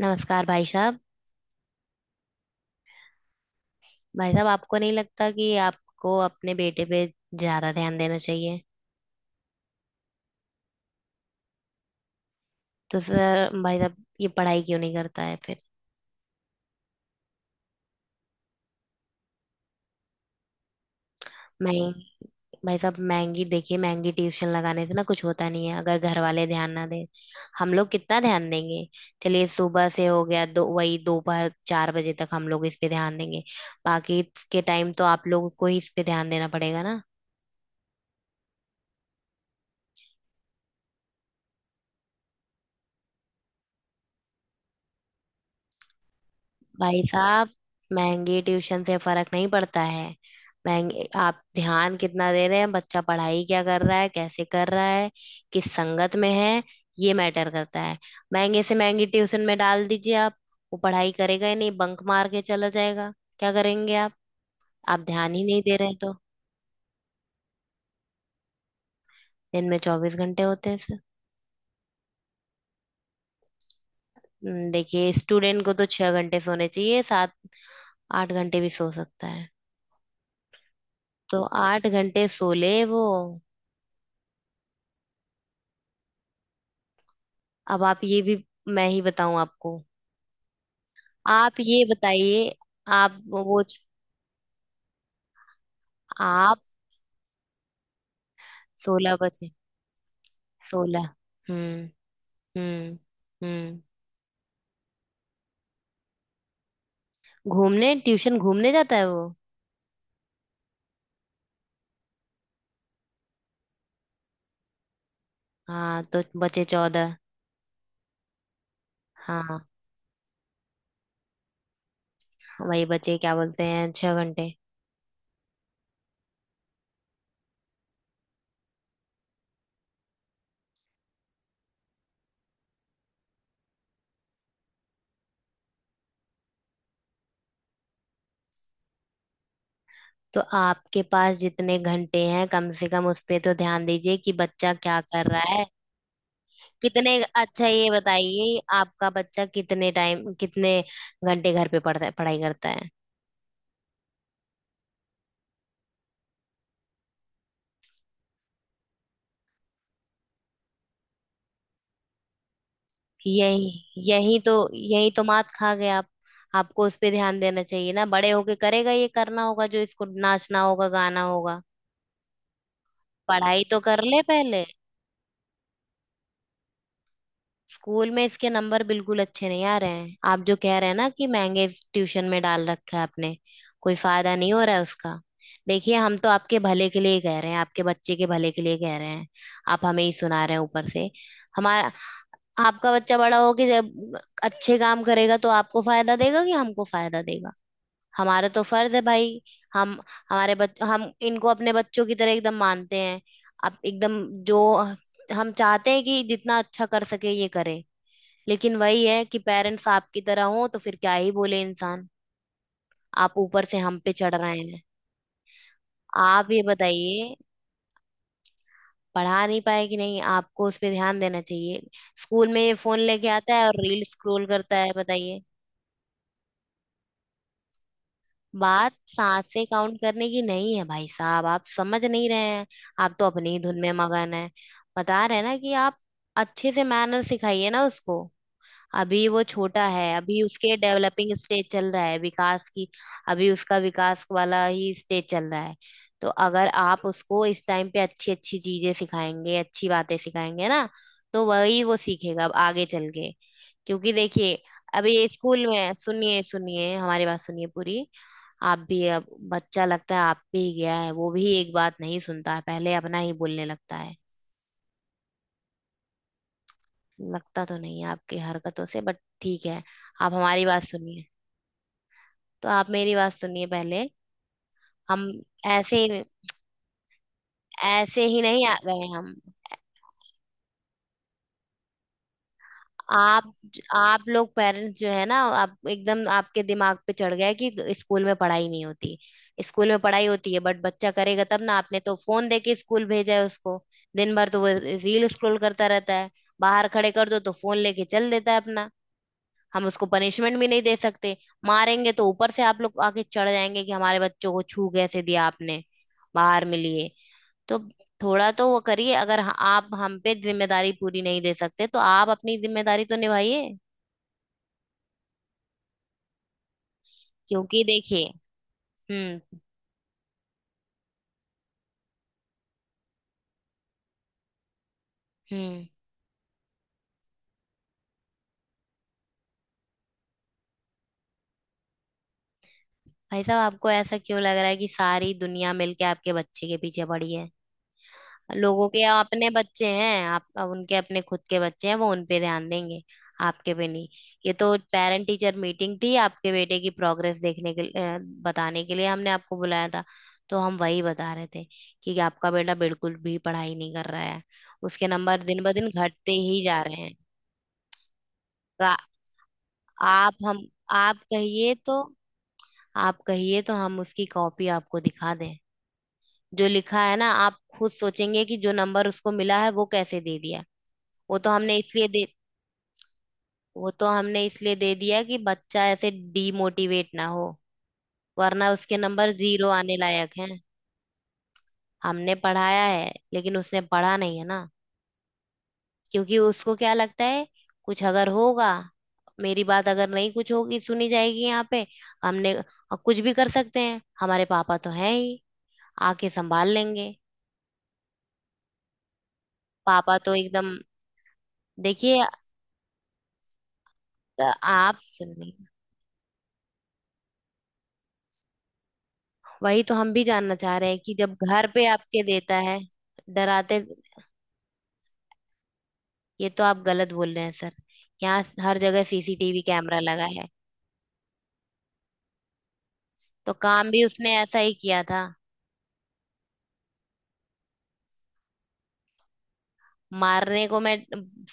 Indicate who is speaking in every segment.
Speaker 1: नमस्कार भाई साहब। भाई साहब, आपको नहीं लगता कि आपको अपने बेटे पे ज्यादा ध्यान देना चाहिए? तो सर, भाई साहब, ये पढ़ाई क्यों नहीं करता है फिर? महंगी। भाई साहब, महंगी, देखिए महंगी ट्यूशन लगाने से ना कुछ होता नहीं है अगर घर वाले ध्यान ना दें। हम लोग कितना ध्यान देंगे। चलिए सुबह से हो गया दो वही दोपहर 4 बजे तक हम लोग इस पे ध्यान देंगे। बाकी के टाइम तो आप लोगों को ही इस पे ध्यान देना पड़ेगा ना। भाई साहब, महंगी ट्यूशन से फर्क नहीं पड़ता है। महंगे, आप ध्यान कितना दे रहे हैं, बच्चा पढ़ाई क्या कर रहा है, कैसे कर रहा है, किस संगत में है, ये मैटर करता है। महंगे से महंगी ट्यूशन में डाल दीजिए आप, वो पढ़ाई करेगा ही नहीं, बंक मार के चला जाएगा। क्या करेंगे आप? आप ध्यान ही नहीं दे रहे तो। दिन में 24 घंटे होते हैं सर। देखिए स्टूडेंट को तो 6 घंटे सोने चाहिए, 7-8 घंटे भी सो सकता है। तो 8 घंटे सो ले वो। अब आप ये भी मैं ही बताऊं आपको? आप ये बताइए, आप वो, आप। सोलह बचे, 16। हम्म। हम्म। हम्म। घूमने? ट्यूशन? घूमने जाता है वो? हाँ, तो बचे 14। हाँ। वही बचे, क्या बोलते हैं, 6 घंटे। तो आपके पास जितने घंटे हैं कम से कम उस पे तो ध्यान दीजिए कि बच्चा क्या कर रहा है। कितने, अच्छा ये बताइए, आपका बच्चा कितने टाइम, कितने घंटे घर पे पढ़ता है, पढ़ाई करता है? यही यही तो मात खा गए आप। आपको उस पे ध्यान देना चाहिए ना, बड़े होके करेगा ये, करना होगा जो इसको, नाचना होगा गाना होगा। पढ़ाई तो कर ले पहले। स्कूल में इसके नंबर बिल्कुल अच्छे नहीं आ रहे हैं। आप जो कह रहे हैं ना कि महंगे ट्यूशन में डाल रखा है आपने, कोई फायदा नहीं हो रहा है उसका। देखिए, हम तो आपके भले के लिए ही कह रहे हैं, आपके बच्चे के भले के लिए कह रहे हैं। आप हमें ही सुना रहे हैं ऊपर से। हमारा। आपका बच्चा बड़ा हो के जब अच्छे काम करेगा तो आपको फायदा देगा कि हमको फायदा देगा? हमारा तो फर्ज है भाई। हम हमारे बच हम इनको अपने बच्चों की तरह एकदम मानते हैं। अब एकदम, जो हम चाहते हैं कि जितना अच्छा कर सके ये करे। लेकिन वही है कि पेरेंट्स आपकी तरह हो तो फिर क्या ही बोले इंसान। आप ऊपर से हम पे चढ़ रहे हैं। आप ये बताइए, पढ़ा नहीं पाए कि नहीं, आपको उस पे ध्यान देना चाहिए। स्कूल में ये फोन लेके आता है और रील स्क्रॉल करता है, बताइए। बात सांसें काउंट करने की नहीं है भाई साहब, आप समझ नहीं रहे हैं। आप तो अपनी ही धुन में मगन है। बता रहे हैं ना कि आप अच्छे से मैनर सिखाइए ना उसको। अभी वो छोटा है, अभी उसके डेवलपिंग स्टेज चल रहा है, विकास की। अभी उसका विकास वाला ही स्टेज चल रहा है। तो अगर आप उसको इस टाइम पे अच्छी अच्छी चीजें सिखाएंगे, अच्छी बातें सिखाएंगे ना, तो वही वो सीखेगा अब आगे चल के। क्योंकि देखिए, अभी स्कूल में, सुनिए, सुनिए हमारी बात, सुनिए पूरी। आप भी अब बच्चा लगता है, आप भी गया है, वो भी एक बात नहीं सुनता है, पहले अपना ही बोलने लगता है। लगता तो नहीं है आपकी हरकतों से, बट ठीक है, आप हमारी बात सुनिए। तो आप मेरी बात सुनिए पहले। हम ऐसे ही, ऐसे ही नहीं आ गए हम। आप आप लोग पेरेंट्स जो है ना, आप एकदम, आपके दिमाग पे चढ़ गया है कि स्कूल में पढ़ाई नहीं होती। स्कूल में पढ़ाई होती है बट बच्चा करेगा तब ना, आपने तो फोन देके स्कूल भेजा है उसको। दिन भर तो वो रील स्क्रॉल करता रहता है। बाहर खड़े कर दो तो फोन लेके चल देता है अपना। हम उसको पनिशमेंट भी नहीं दे सकते। मारेंगे तो ऊपर से आप लोग आके चढ़ जाएंगे कि हमारे बच्चों को छू कैसे दिया आपने। बाहर मिलिए। तो थोड़ा तो वो करिए, अगर आप हम पे जिम्मेदारी पूरी नहीं दे सकते तो आप अपनी जिम्मेदारी तो निभाइए। क्योंकि देखिए। हम्म। हम्म। भाई साहब, आपको ऐसा क्यों लग रहा है कि सारी दुनिया मिलके आपके बच्चे के पीछे पड़ी है? लोगों के अपने बच्चे हैं, आप अब, उनके अपने खुद के बच्चे हैं, वो उन पे ध्यान देंगे, आपके पे नहीं। ये तो पेरेंट टीचर मीटिंग थी आपके बेटे की प्रोग्रेस देखने के लिए, बताने के लिए हमने आपको बुलाया था। तो हम वही बता रहे थे कि आपका बेटा बिल्कुल भी पढ़ाई नहीं कर रहा है। उसके नंबर दिन ब दिन घटते ही जा रहे हैं। का- आप हम आप कहिए तो आप कहिए तो हम उसकी कॉपी आपको दिखा दें। जो लिखा है ना, आप खुद सोचेंगे कि जो नंबर उसको मिला है वो कैसे दे दिया। वो तो हमने इसलिए दे वो तो हमने इसलिए दे दिया कि बच्चा ऐसे डीमोटिवेट ना हो। वरना उसके नंबर 0 आने लायक हैं। हमने पढ़ाया है लेकिन उसने पढ़ा नहीं है ना। क्योंकि उसको क्या लगता है, कुछ अगर होगा, मेरी बात अगर नहीं कुछ होगी सुनी जाएगी यहाँ पे, हमने, कुछ भी कर सकते हैं, हमारे पापा तो हैं ही, आके संभाल लेंगे। पापा तो एकदम, देखिए, आप सुनिए। वही तो हम भी जानना चाह रहे हैं कि जब घर पे आपके देता है। डराते? ये तो आप गलत बोल रहे हैं सर। यहाँ हर जगह सीसीटीवी कैमरा लगा है। तो काम भी उसने ऐसा ही किया था। मारने को मैं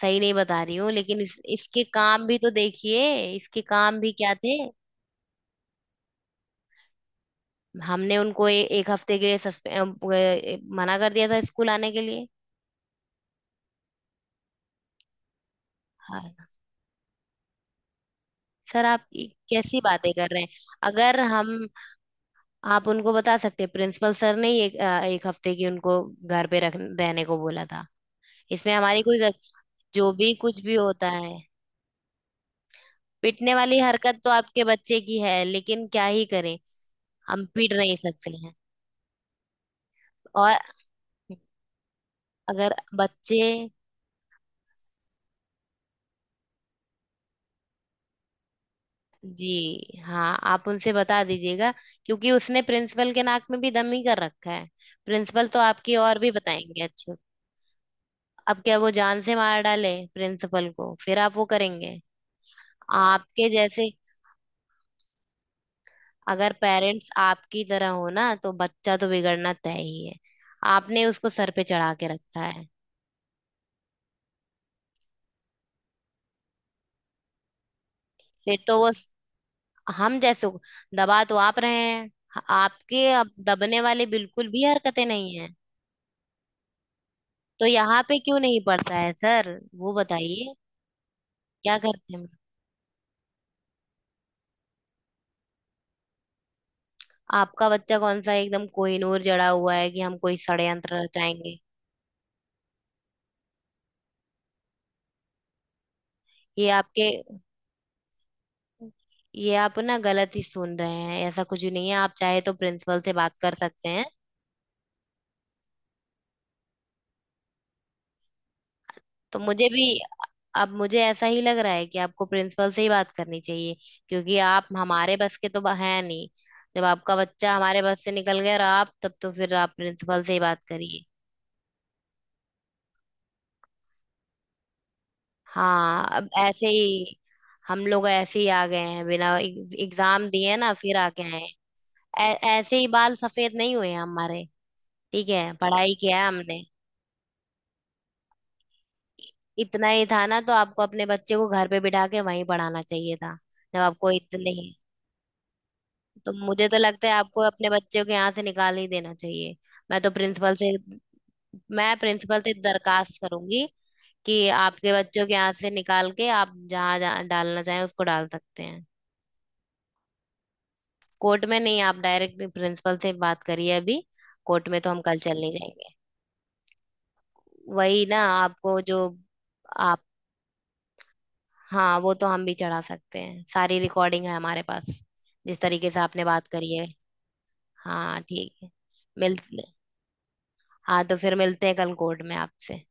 Speaker 1: सही नहीं बता रही हूँ, लेकिन इसके काम भी तो देखिए। इसके काम भी क्या थे। हमने उनको 1 हफ्ते के लिए मना कर दिया था स्कूल आने के लिए। हाँ। सर, आप ये कैसी बातें कर रहे हैं? अगर हम, आप उनको बता सकते हैं, प्रिंसिपल सर ने ही 1 हफ्ते की उनको घर पे रहने को बोला था। इसमें हमारी कोई गल-। जो भी कुछ भी होता है। पिटने वाली हरकत तो आपके बच्चे की है, लेकिन क्या ही करें। हम पीट नहीं सकते हैं। और अगर बच्चे। जी हाँ, आप उनसे बता दीजिएगा। क्योंकि उसने प्रिंसिपल के नाक में भी दम ही कर रखा है। प्रिंसिपल तो आपकी और भी बताएंगे अच्छे। अब क्या, वो जान से मार डाले प्रिंसिपल को, फिर आप वो करेंगे? आपके जैसे, अगर पेरेंट्स आपकी तरह हो ना, तो बच्चा तो बिगड़ना तय ही है। आपने उसको सर पे चढ़ा के रखा है। फिर तो वो, हम जैसों को दबा तो आप रहे हैं। आपके अब दबने वाले बिल्कुल भी हरकतें नहीं है। तो यहाँ पे क्यों नहीं पड़ता है सर, वो बताइए, क्या करते हैं। आपका बच्चा कौन सा एकदम कोहिनूर जड़ा हुआ है कि हम कोई षड्यंत्र रचाएंगे? ये आपके ये आप ना गलत ही सुन रहे हैं, ऐसा कुछ भी नहीं है, आप चाहे तो प्रिंसिपल से बात कर सकते हैं। तो मुझे भी अब मुझे ऐसा ही लग रहा है कि आपको प्रिंसिपल से ही बात करनी चाहिए। क्योंकि आप हमारे बस के तो है नहीं। जब आपका बच्चा हमारे बस से निकल गया और आप, तब तो फिर आप प्रिंसिपल से ही बात करिए। हाँ, अब ऐसे ही हम लोग ऐसे ही आ गए हैं, बिना एग्जाम दिए ना, फिर आ गए हैं। ऐसे ही बाल सफेद नहीं हुए हैं हमारे। ठीक है, पढ़ाई किया है हमने। इतना ही था ना तो आपको अपने बच्चे को घर पे बिठा के वहीं पढ़ाना चाहिए था। जब आपको इतने, तो मुझे तो लगता है आपको अपने बच्चे को यहाँ से निकाल ही देना चाहिए। मैं तो प्रिंसिपल से मैं प्रिंसिपल से दरखास्त करूंगी कि आपके बच्चों के यहाँ से निकाल के आप जहाँ जहाँ डालना चाहें उसको डाल सकते हैं। कोर्ट में नहीं, आप डायरेक्ट प्रिंसिपल से बात करिए अभी। कोर्ट में तो हम कल चल नहीं जाएंगे। वही ना, आपको जो आप। हाँ, वो तो हम भी चढ़ा सकते हैं, सारी रिकॉर्डिंग है हमारे पास। जिस तरीके से आपने बात करी है। हाँ ठीक है। मिल हाँ तो फिर मिलते हैं कल कोर्ट में आपसे।